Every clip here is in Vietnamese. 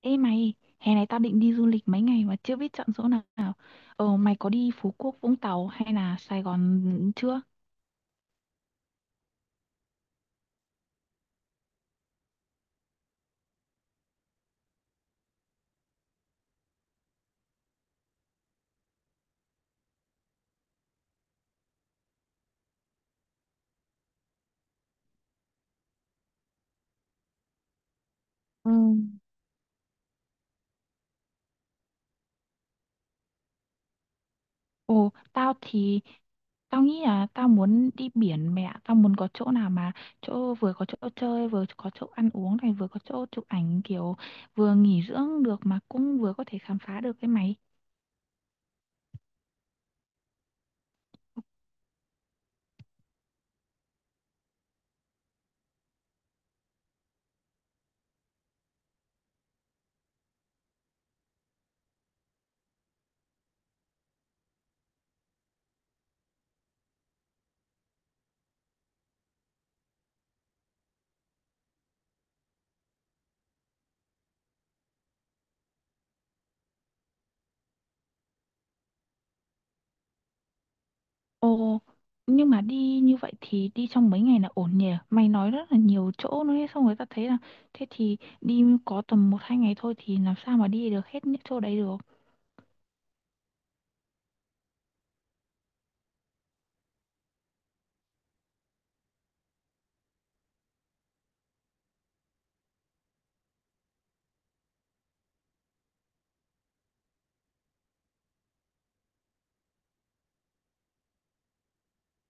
Ê mày, hè này tao định đi du lịch mấy ngày mà chưa biết chọn chỗ nào. Ờ, mày có đi Phú Quốc, Vũng Tàu hay là Sài Gòn chưa? Ừ. Ồ, tao thì nghĩ là tao muốn đi biển mẹ, tao muốn có chỗ nào mà chỗ vừa có chỗ chơi, vừa có chỗ ăn uống này, vừa có chỗ chụp ảnh kiểu vừa nghỉ dưỡng được mà cũng vừa có thể khám phá được cái mày. Ồ, nhưng mà đi như vậy thì đi trong mấy ngày là ổn nhỉ? Mày nói rất là nhiều chỗ nữa ấy, xong người ta thấy là thế thì đi có tầm một hai ngày thôi thì làm sao mà đi được hết những chỗ đấy được.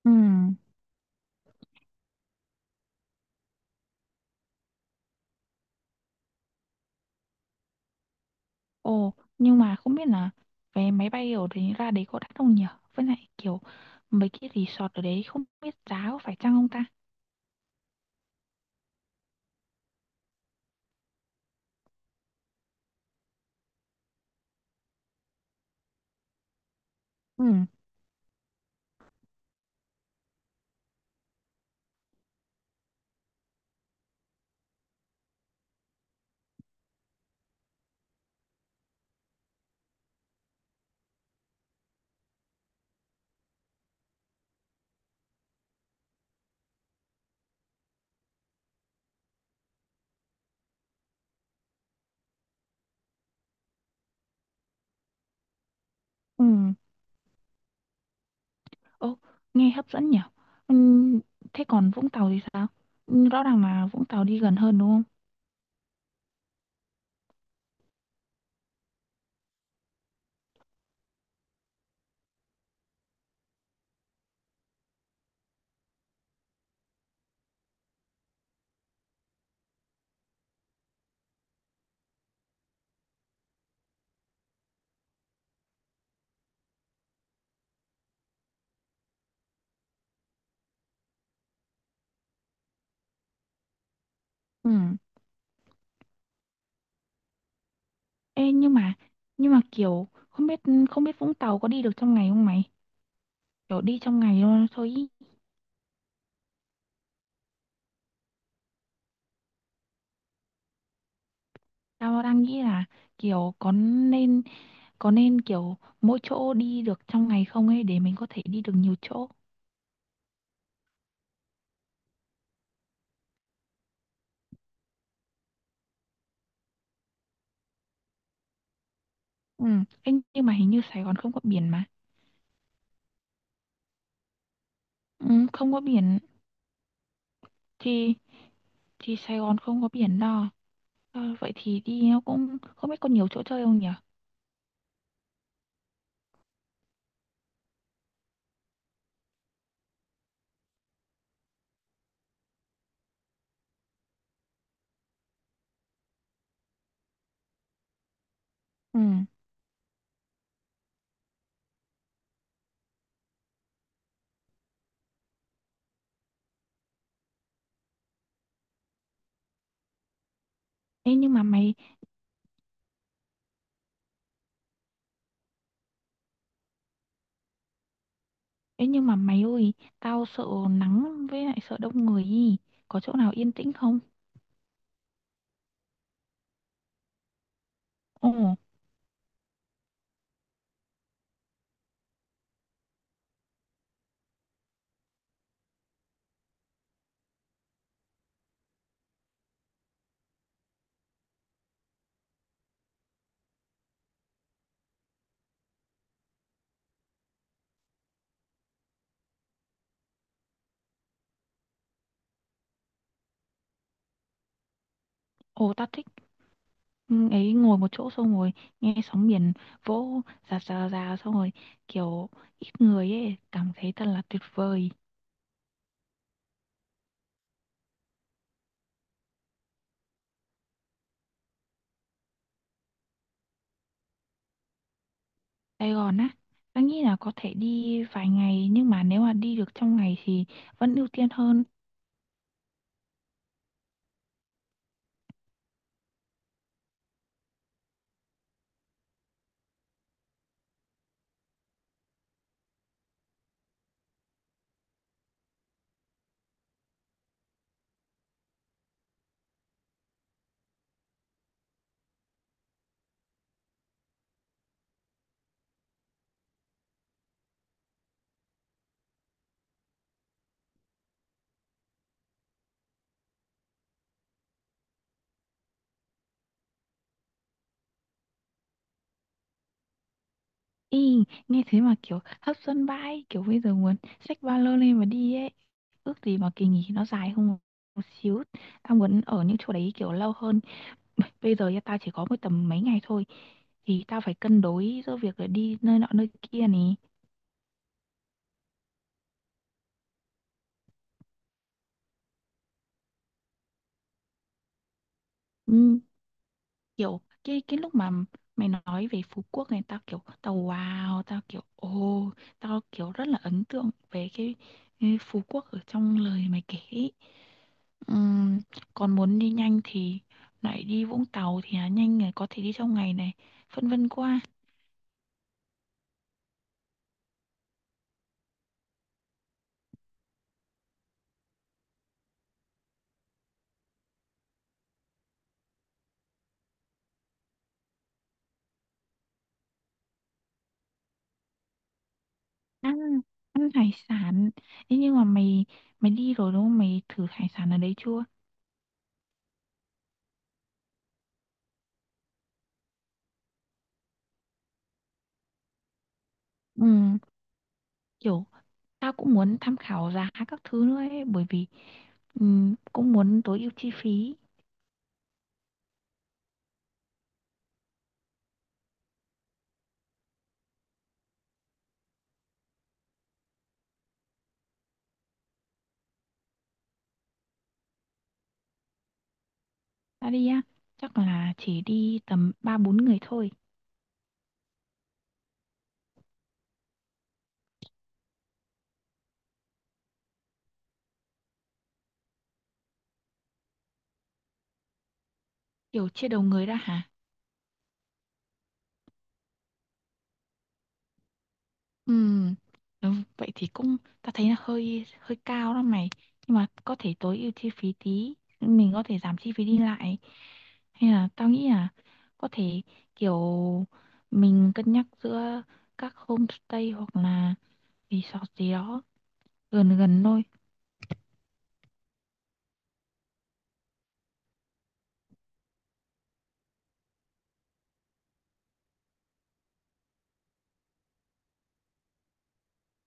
Ừ. Ồ, nhưng mà không biết là vé máy bay ở đấy ra đấy có đắt không nhỉ? Với lại kiểu mấy cái resort ở đấy không biết giá có phải chăng không ta? Ừ. Ừ. Ồ, nghe hấp dẫn nhỉ? Ừ, thế còn Vũng Tàu thì sao? Rõ ràng là Vũng Tàu đi gần hơn đúng không? Ừ. Ê, nhưng mà kiểu không biết Vũng Tàu có đi được trong ngày không mày? Kiểu đi trong ngày luôn thôi ý. Tao đang nghĩ là kiểu có nên kiểu mỗi chỗ đi được trong ngày không ấy để mình có thể đi được nhiều chỗ. Ừ. Ê, nhưng mà hình như Sài Gòn không có biển mà. Ừ, không có biển thì Sài Gòn không có biển đâu. Ờ, vậy thì đi nó cũng không biết có nhiều chỗ chơi không nhỉ? Ừ. Ê, nhưng mà mày ơi, tao sợ nắng với lại sợ đông người ý. Có chỗ nào yên tĩnh không? Ồ, ồ tao thích. Ừ, ấy ngồi một chỗ xong rồi nghe sóng biển vỗ rà rà rà xong rồi kiểu ít người ấy, cảm thấy thật là tuyệt vời. Sài Gòn á, tao nghĩ là có thể đi vài ngày nhưng mà nếu mà đi được trong ngày thì vẫn ưu tiên hơn. Ý, nghe thế mà kiểu hấp dẫn vãi, kiểu bây giờ muốn xách ba lô lên mà đi ấy. Ước gì mà kỳ nghỉ nó dài hơn một xíu, tao muốn ở những chỗ đấy kiểu lâu hơn. Bây giờ tao chỉ có mỗi tầm mấy ngày thôi thì tao phải cân đối giữa việc là đi nơi nọ nơi kia này. Ừ, kiểu cái lúc mà mày nói về Phú Quốc này, tao kiểu wow, tao kiểu ồ, tao kiểu rất là ấn tượng về cái Phú Quốc ở trong lời mày kể ấy. Ừm, còn muốn đi nhanh thì lại đi Vũng Tàu thì là nhanh này, có thể đi trong ngày này. Phân vân quá. Ăn ăn hải sản. Ê, nhưng mà mày mày đi rồi đúng không, mày thử hải sản ở đấy chưa? Ừ, kiểu tao cũng muốn tham khảo giá các thứ nữa ấy, bởi vì ừ, cũng muốn tối ưu chi phí. Tao đi á, chắc là chỉ đi tầm ba bốn người thôi. Kiểu chia đầu người ra hả? Ừm, ừ, vậy thì cũng ta thấy là hơi hơi cao đó mày, nhưng mà có thể tối ưu chi phí tí, mình có thể giảm chi phí đi lại, hay là tao nghĩ là có thể kiểu mình cân nhắc giữa các homestay hoặc là resort gì đó gần gần thôi.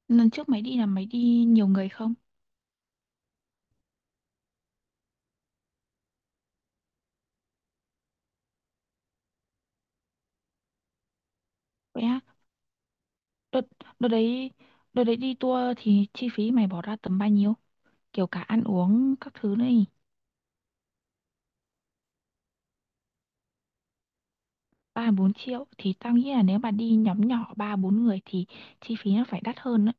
Lần trước mày đi là mày đi nhiều người không? Vậy á, đợt đợt đấy đợt đấy đi tour thì chi phí mày bỏ ra tầm bao nhiêu, kiểu cả ăn uống các thứ nữa? Ba bốn triệu thì tao nghĩ là nếu mà đi nhóm nhỏ ba bốn người thì chi phí nó phải đắt hơn đấy.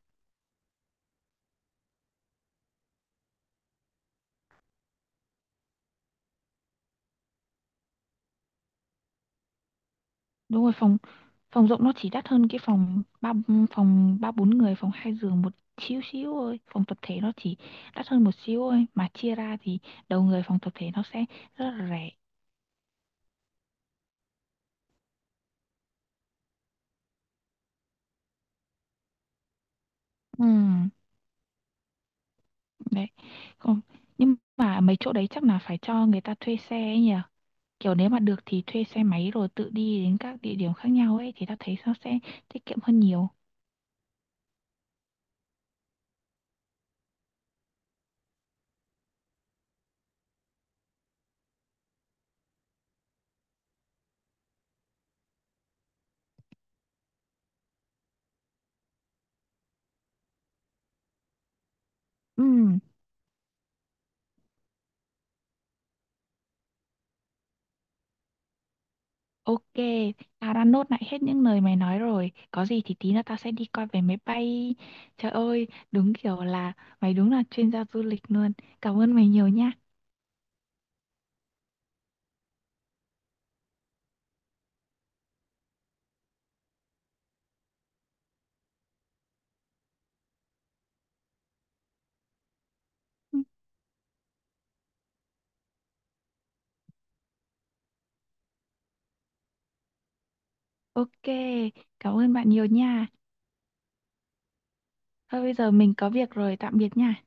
Đúng rồi, phòng phòng rộng nó chỉ đắt hơn cái phòng ba bốn người, phòng hai giường một xíu xíu thôi. Phòng tập thể nó chỉ đắt hơn một xíu thôi mà chia ra thì đầu người phòng tập thể nó sẽ rất là rẻ. Ừ, đấy. Không, nhưng mà mấy chỗ đấy chắc là phải cho người ta thuê xe ấy nhỉ, kiểu nếu mà được thì thuê xe máy rồi tự đi đến các địa điểm khác nhau ấy thì ta thấy nó sẽ tiết kiệm hơn nhiều. Ừ. Ok, tao đã nốt lại hết những lời mày nói rồi. Có gì thì tí nữa tao sẽ đi coi vé máy bay. Trời ơi, đúng kiểu là mày đúng là chuyên gia du lịch luôn. Cảm ơn mày nhiều nha. Ừ, ok, cảm ơn bạn nhiều nha. Thôi bây giờ mình có việc rồi, tạm biệt nha.